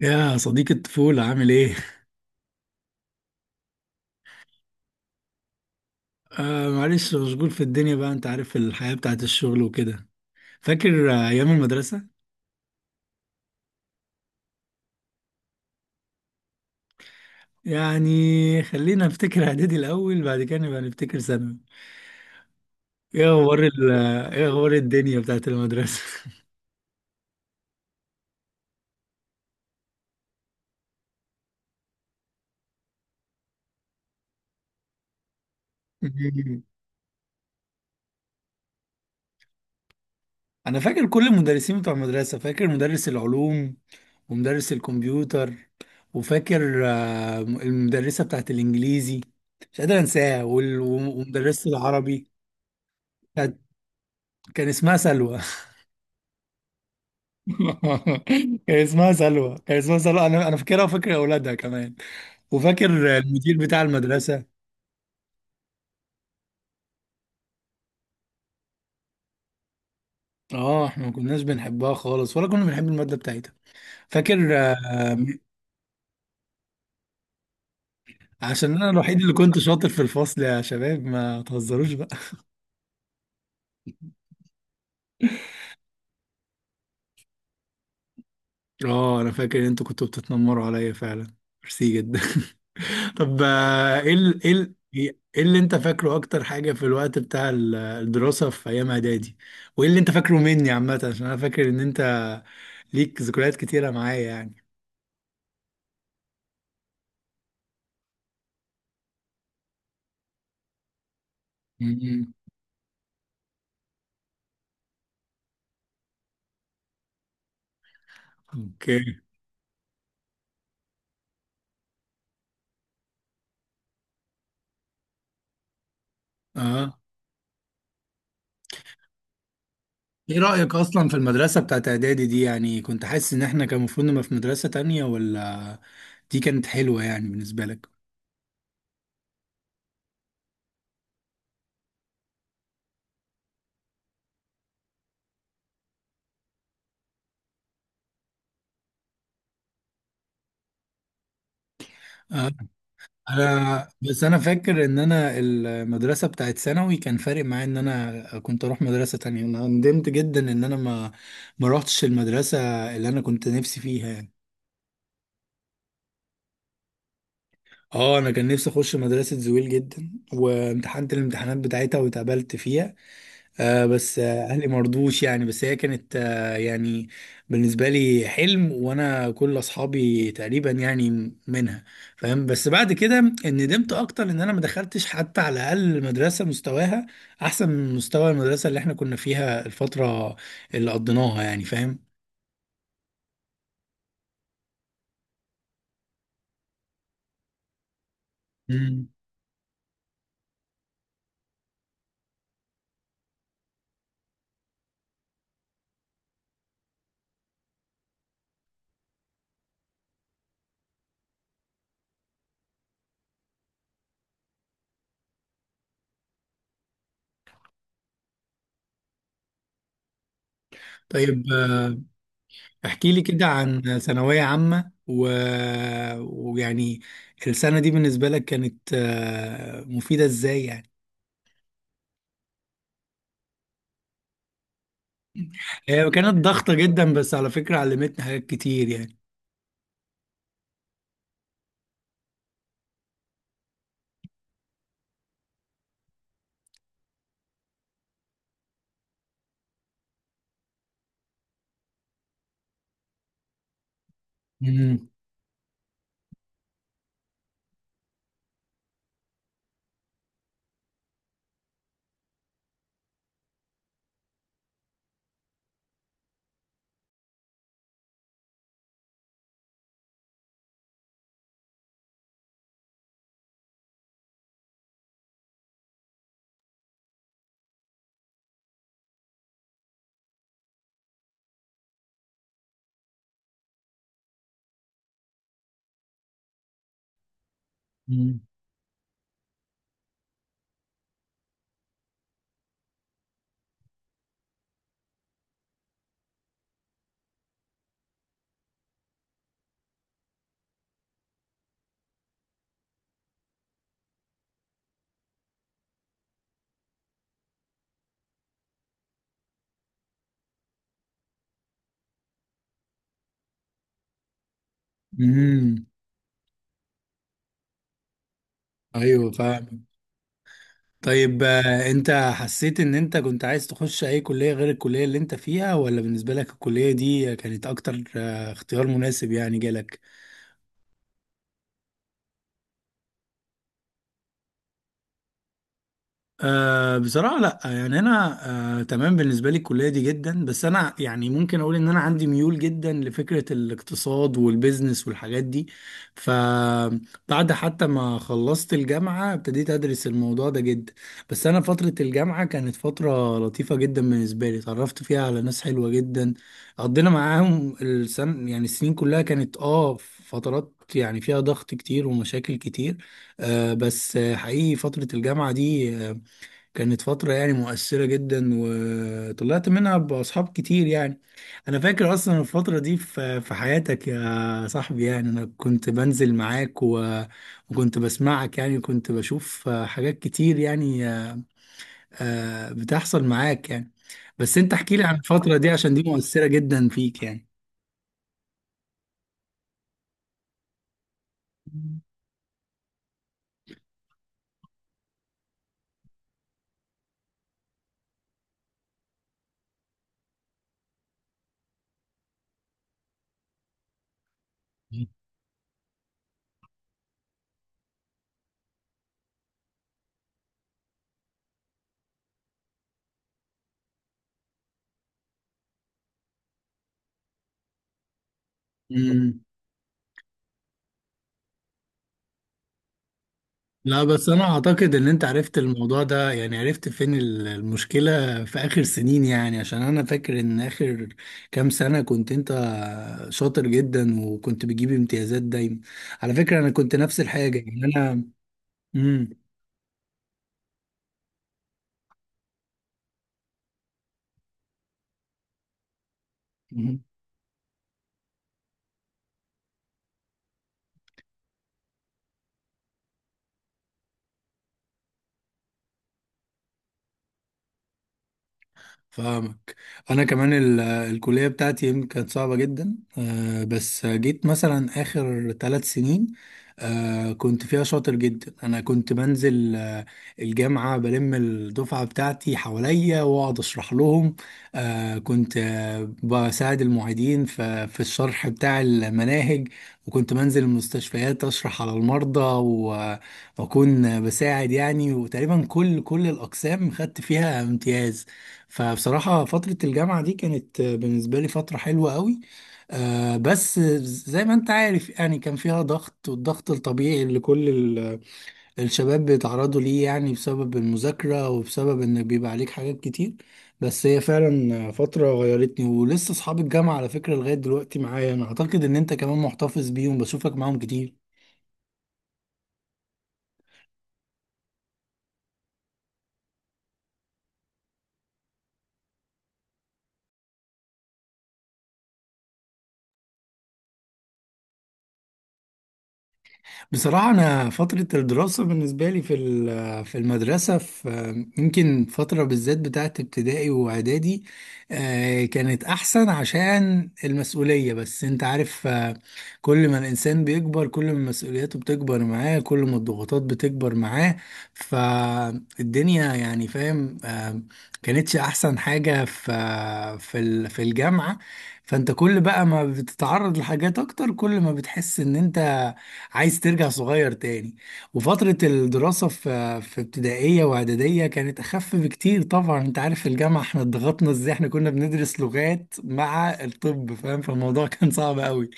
يا صديق الطفولة عامل ايه؟ معلش مشغول في الدنيا بقى، انت عارف الحياة بتاعت الشغل وكده. فاكر ايام المدرسة؟ يعني خلينا نفتكر اعدادي الاول، بعد كده نبقى نفتكر ثانوي. ايه اخبار ايه اخبار الدنيا بتاعت المدرسة؟ انا فاكر كل المدرسين بتوع المدرسة، فاكر مدرس العلوم ومدرس الكمبيوتر، وفاكر المدرسة بتاعت الانجليزي مش قادر انساها، ومدرسة العربي. كانت- كان اسمها سلوى. كان اسمها سلوى، كان اسمها سلوى، انا فاكرها وفاكر اولادها كمان، وفاكر المدير بتاع المدرسه. اه احنا ما كناش بنحبها خالص ولا كنا بنحب الماده بتاعتها. فاكر عشان انا الوحيد اللي كنت شاطر في الفصل، يا شباب ما تهزروش بقى. اه انا فاكر ان انتوا كنتوا بتتنمروا عليا فعلا، ميرسي جدا. طب ايه اللي انت فاكره اكتر حاجة في الوقت بتاع الدراسة في ايام اعدادي؟ وايه اللي انت فاكره مني عامة؟ عشان انا فاكر ان انت ليك ذكريات كتيرة معايا يعني. مم. اوكي. اه، ايه رأيك اصلا في المدرسة بتاعت اعدادي دي؟ يعني كنت حاسس ان احنا كان المفروض نبقى في مدرسة تانية، ولا دي كانت حلوة يعني بالنسبة لك؟ آه. انا فاكر ان انا المدرسه بتاعت ثانوي كان فارق معايا ان انا كنت اروح مدرسه تانية، انا ندمت جدا ان انا ما روحتش المدرسه اللي انا كنت نفسي فيها يعني. اه انا كان نفسي اخش مدرسه زويل جدا، وامتحنت الامتحانات بتاعتها واتقبلت فيها. آه بس اهلي مرضوش يعني، بس هي كانت آه يعني بالنسبه لي حلم، وانا كل اصحابي تقريبا يعني منها. فاهم؟ بس بعد كده ندمت اكتر ان انا ما دخلتش حتى على الاقل مدرسه مستواها احسن من مستوى المدرسه اللي احنا كنا فيها الفتره اللي قضيناها يعني، فاهم؟ مم. طيب احكي لي كده عن ثانويه عامه و... ويعني السنه دي بالنسبه لك كانت آه مفيده ازاي يعني؟ هي كانت ضغطة جدا، بس على فكرة علمتني حاجات كتير يعني. امم. امم. أمم. ايوه، فاهم. طيب انت حسيت ان انت كنت عايز تخش اي كلية غير الكلية اللي انت فيها، ولا بالنسبة لك الكلية دي كانت اكتر اختيار مناسب يعني جالك؟ أه بصراحة لا، يعني أنا أه تمام بالنسبة لي الكلية دي جدا، بس أنا يعني ممكن أقول إن أنا عندي ميول جدا لفكرة الاقتصاد والبيزنس والحاجات دي. فبعد حتى ما خلصت الجامعة ابتديت أدرس الموضوع ده جدا. بس أنا فترة الجامعة كانت فترة لطيفة جدا بالنسبة لي، اتعرفت فيها على ناس حلوة جدا قضينا معاهم السن، يعني السنين كلها كانت آه فترات يعني فيها ضغط كتير ومشاكل كتير. أه بس حقيقي فترة الجامعة دي كانت فترة يعني مؤثرة جدا، وطلعت منها بأصحاب كتير يعني. أنا فاكر أصلا الفترة دي في حياتك يا صاحبي، يعني أنا كنت بنزل معاك وكنت بسمعك يعني، وكنت بشوف حاجات كتير يعني بتحصل معاك يعني. بس أنت احكي لي عن الفترة دي عشان دي مؤثرة جدا فيك يعني. لا بس انا اعتقد ان انت عرفت الموضوع ده يعني، عرفت فين المشكلة في اخر سنين يعني، عشان انا فاكر ان اخر كام سنة كنت انت شاطر جدا وكنت بتجيب امتيازات دايما. على فكرة انا كنت نفس الحاجة يعني انا. امم. فاهمك. انا كمان الكليه بتاعتي يمكن كانت صعبه جدا بس جيت مثلا اخر ثلاث سنين كنت فيها شاطر جدا، انا كنت بنزل الجامعه بلم الدفعه بتاعتي حواليا واقعد اشرح لهم. كنت بساعد المعيدين في الشرح بتاع المناهج، وكنت بنزل المستشفيات اشرح على المرضى واكون بساعد يعني، وتقريبا كل الاقسام خدت فيها امتياز. فبصراحة فترة الجامعة دي كانت بالنسبة لي فترة حلوة قوي بس زي ما انت عارف يعني كان فيها ضغط، والضغط الطبيعي اللي كل الشباب بيتعرضوا ليه يعني، بسبب المذاكرة وبسبب ان بيبقى عليك حاجات كتير. بس هي فعلا فترة غيرتني، ولسه اصحاب الجامعة على فكرة لغاية دلوقتي معايا، انا اعتقد ان انت كمان محتفظ بيهم، بشوفك معاهم كتير. بصراحة أنا فترة الدراسة بالنسبة لي في في المدرسة، في يمكن فترة بالذات بتاعت ابتدائي وإعدادي كانت أحسن، عشان المسؤولية، بس أنت عارف كل ما الإنسان بيكبر كل ما مسؤولياته بتكبر معاه كل ما الضغوطات بتكبر معاه. فالدنيا يعني، فاهم كانتش أحسن حاجة في في الجامعة. فأنت كل بقى ما بتتعرض لحاجات أكتر كل ما بتحس إن أنت عايز ترجع صغير تاني. وفترة الدراسة في ابتدائية واعدادية كانت أخف بكتير، طبعا أنت عارف في الجامعة احنا ضغطنا ازاي، احنا كنا بندرس لغات مع الطب، فاهم؟ فالموضوع كان صعب قوي.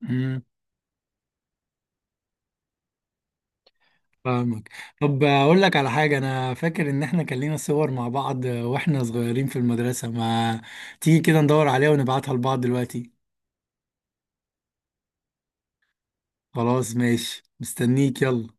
مم. فاهمك. طب أقول لك على حاجة، أنا فاكر إن احنا كان لينا صور مع بعض واحنا صغيرين في المدرسة، ما تيجي كده ندور عليها ونبعتها لبعض دلوقتي؟ خلاص ماشي، مستنيك يلا.